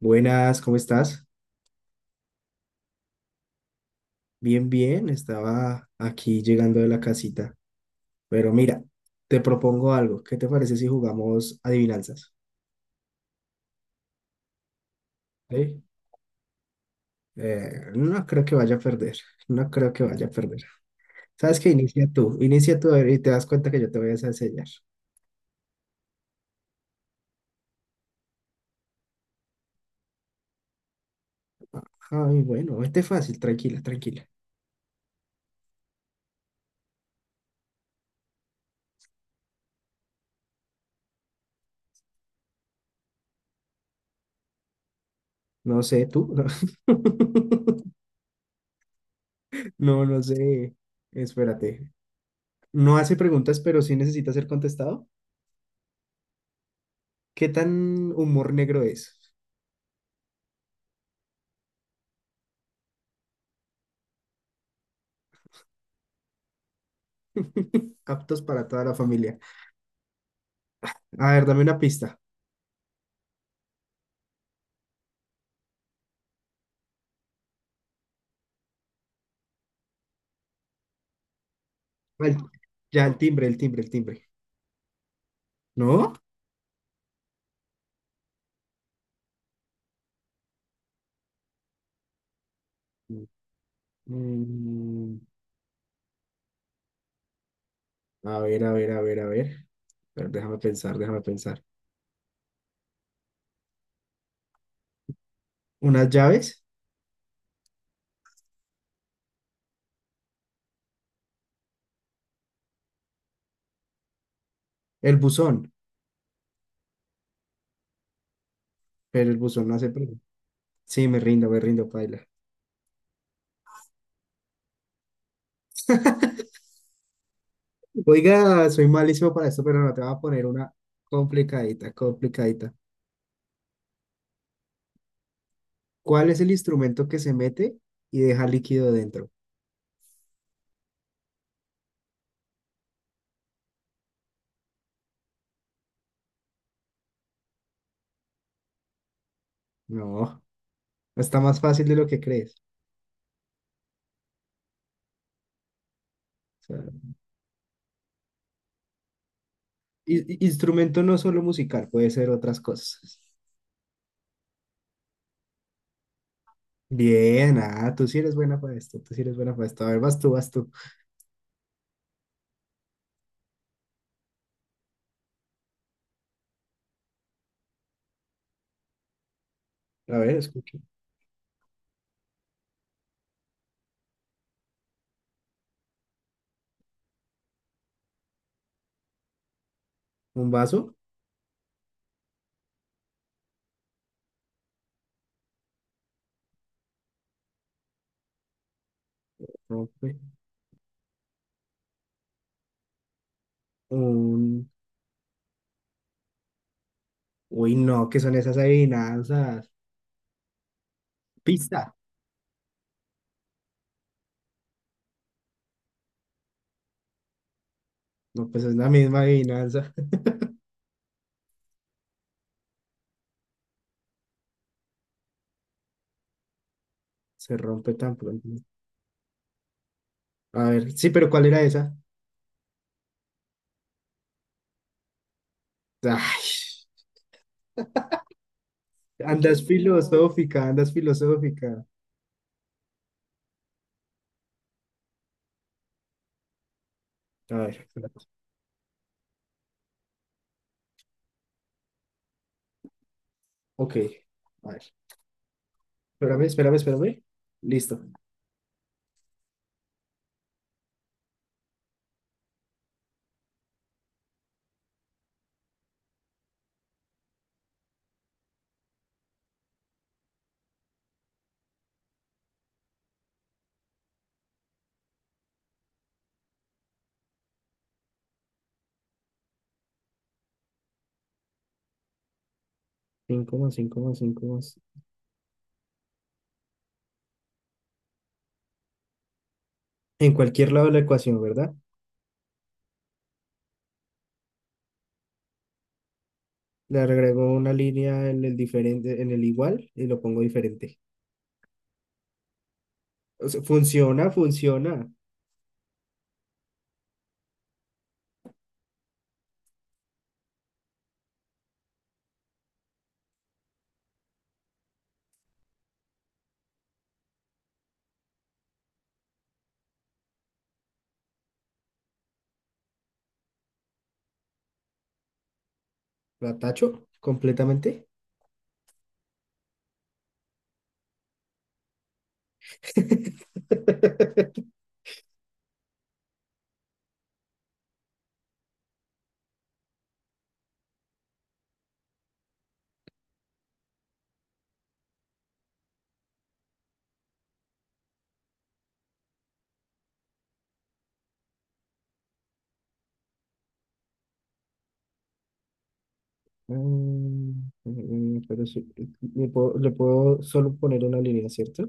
Buenas, ¿cómo estás? Bien, bien, estaba aquí llegando de la casita. Pero mira, te propongo algo. ¿Qué te parece si jugamos adivinanzas? ¿Sí? No creo que vaya a perder. No creo que vaya a perder. ¿Sabes qué? Inicia tú. Inicia tú a ver, y te das cuenta que yo te voy a enseñar. Ay, bueno, este es fácil. Tranquila, tranquila. No sé, tú. No, no sé. Espérate. No hace preguntas, pero sí necesita ser contestado. ¿Qué tan humor negro es? Aptos para toda la familia. A ver, dame una pista. Al- ya, el timbre, el timbre, el timbre. ¿No? Mm, a ver, a ver, a ver, a ver. Pero déjame pensar, déjame pensar. ¿Unas llaves? El buzón. Pero el buzón no hace preguntas. Sí, me rindo, paila. Oiga, soy malísimo para esto, pero no te voy a poner una complicadita, complicadita. ¿Cuál es el instrumento que se mete y deja líquido dentro? No, está más fácil de lo que crees. Instrumento no solo musical, puede ser otras cosas. Bien, ah, tú sí eres buena para esto, tú sí eres buena para esto. A ver, vas tú, vas tú. A ver, escucho. ¿Un vaso? Rompe. Un... Uy, no, ¿qué son esas adivinanzas? Pista. No, pues es la misma adivinanza. Se rompe tan pronto. A ver, sí, pero ¿cuál era esa? Ay, andas No, filosófica, andas filosófica. A ver, espérate. Ok. A ver, espérame, espérame, espérame. Listo. Cinco más cinco más 5 más. En cualquier lado de la ecuación, ¿verdad? Le agrego una línea en el diferente, en el igual y lo pongo diferente. O sea, funciona, funciona. La tacho completamente. Pero sí, le puedo solo poner una línea, ¿cierto?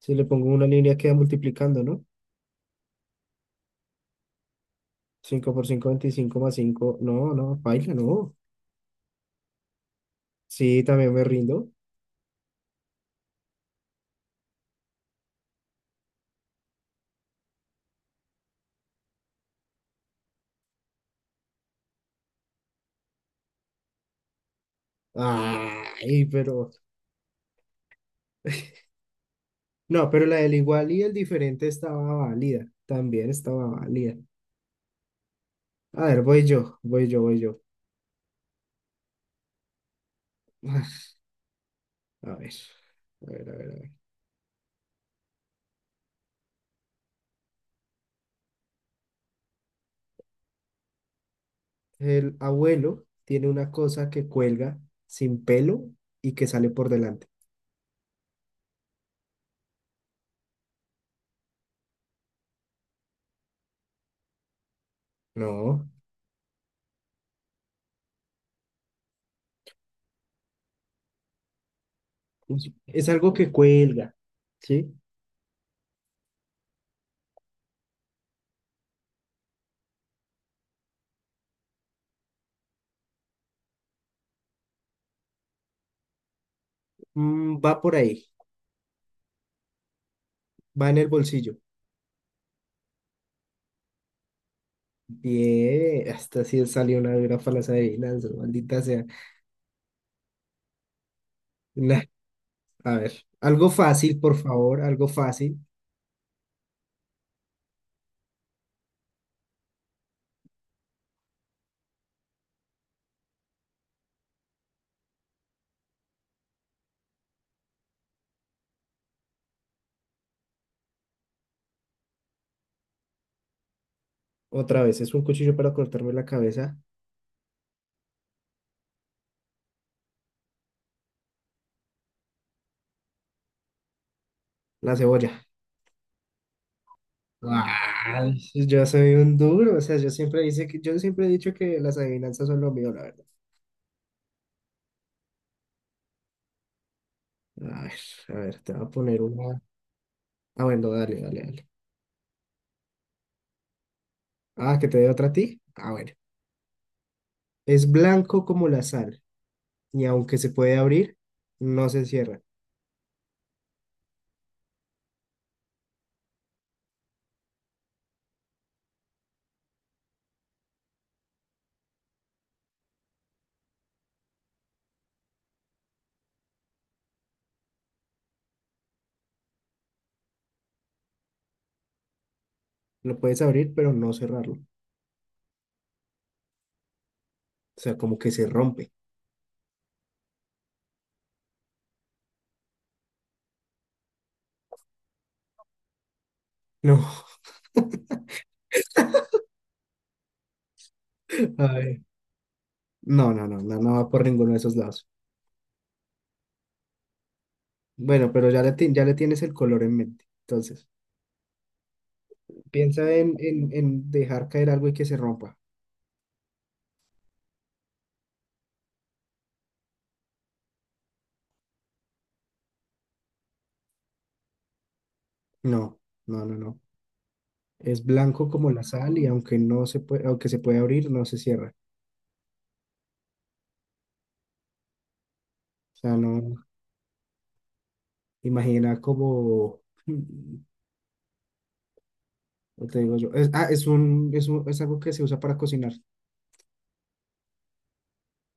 Si le pongo una línea queda multiplicando, ¿no? 5 por 5 25 más 5. No, no, baila, no. Sí, también me rindo. Ay, pero... No, pero la del igual y el diferente estaba válida. También estaba válida. A ver, voy yo, voy yo, voy yo. A ver, a ver, a ver, a ver. El abuelo tiene una cosa que cuelga sin pelo y que sale por delante. No, es algo que cuelga, ¿sí? Mm, va por ahí, va en el bolsillo. Bien, hasta si salió una dura para las adivinanzas, maldita sea. Nah, a ver, algo fácil, por favor, algo fácil. Otra vez, es un cuchillo para cortarme la cabeza, la cebolla. Ah, yo soy un duro, o sea, yo siempre dice que, yo siempre he dicho que las adivinanzas son lo mío, la verdad. A ver, a ver, te voy a poner una. Ah, bueno, dale, dale, dale. Ah, que te dé otra a ti. Ah, bueno. Es blanco como la sal, y aunque se puede abrir, no se cierra. Lo puedes abrir, pero no cerrarlo. O sea, como que se rompe. No. A ver. No, no, no, no, no va por ninguno de esos lados. Bueno, pero ya le, ya le tienes el color en mente. Entonces. Piensa en, en dejar caer algo y que se rompa. No, no, no, no. Es blanco como la sal y aunque no se puede, aunque se puede abrir, no se cierra. O sea, no, imagina como, ¿cómo te digo yo? Es, ah, es algo que se usa para cocinar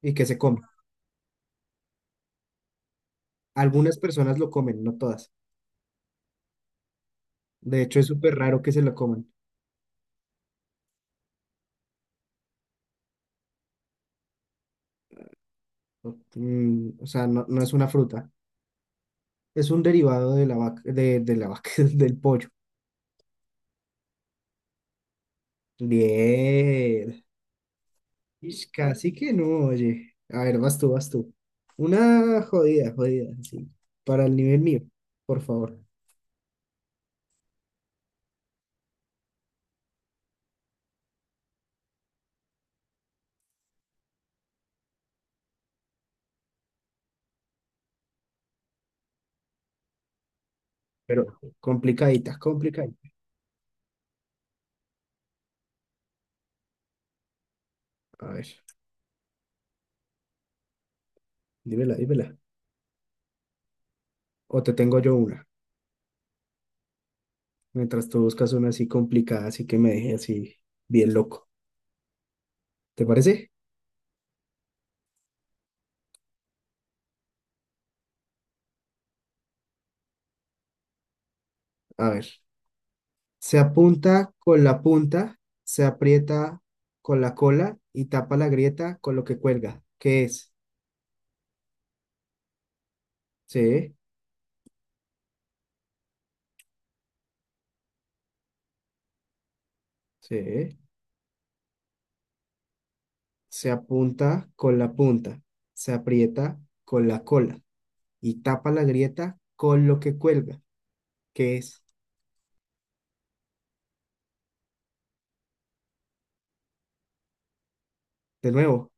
y que se come. Algunas personas lo comen, no todas. De hecho, es súper raro que se lo coman. O sea, no, no es una fruta. Es un derivado de la vaca, de la vaca, del pollo. Bien. Ish, casi que no, oye. A ver, vas tú, vas tú. Una jodida, jodida, sí. Para el nivel mío, por favor. Pero complicadita, complicadita. A ver, dímela, dímela. O te tengo yo una, mientras tú buscas una así complicada, así que me deje así bien loco. ¿Te parece? A ver. Se apunta con la punta, se aprieta con la cola y tapa la grieta con lo que cuelga. ¿Qué es? Sí, sí. Se apunta con la punta, se aprieta con la cola y tapa la grieta con lo que cuelga. Que es? De nuevo,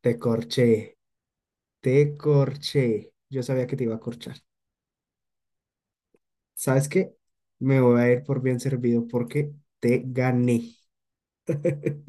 te corché, te corché. Yo sabía que te iba a corchar. ¿Sabes qué? Me voy a ir por bien servido porque te gané.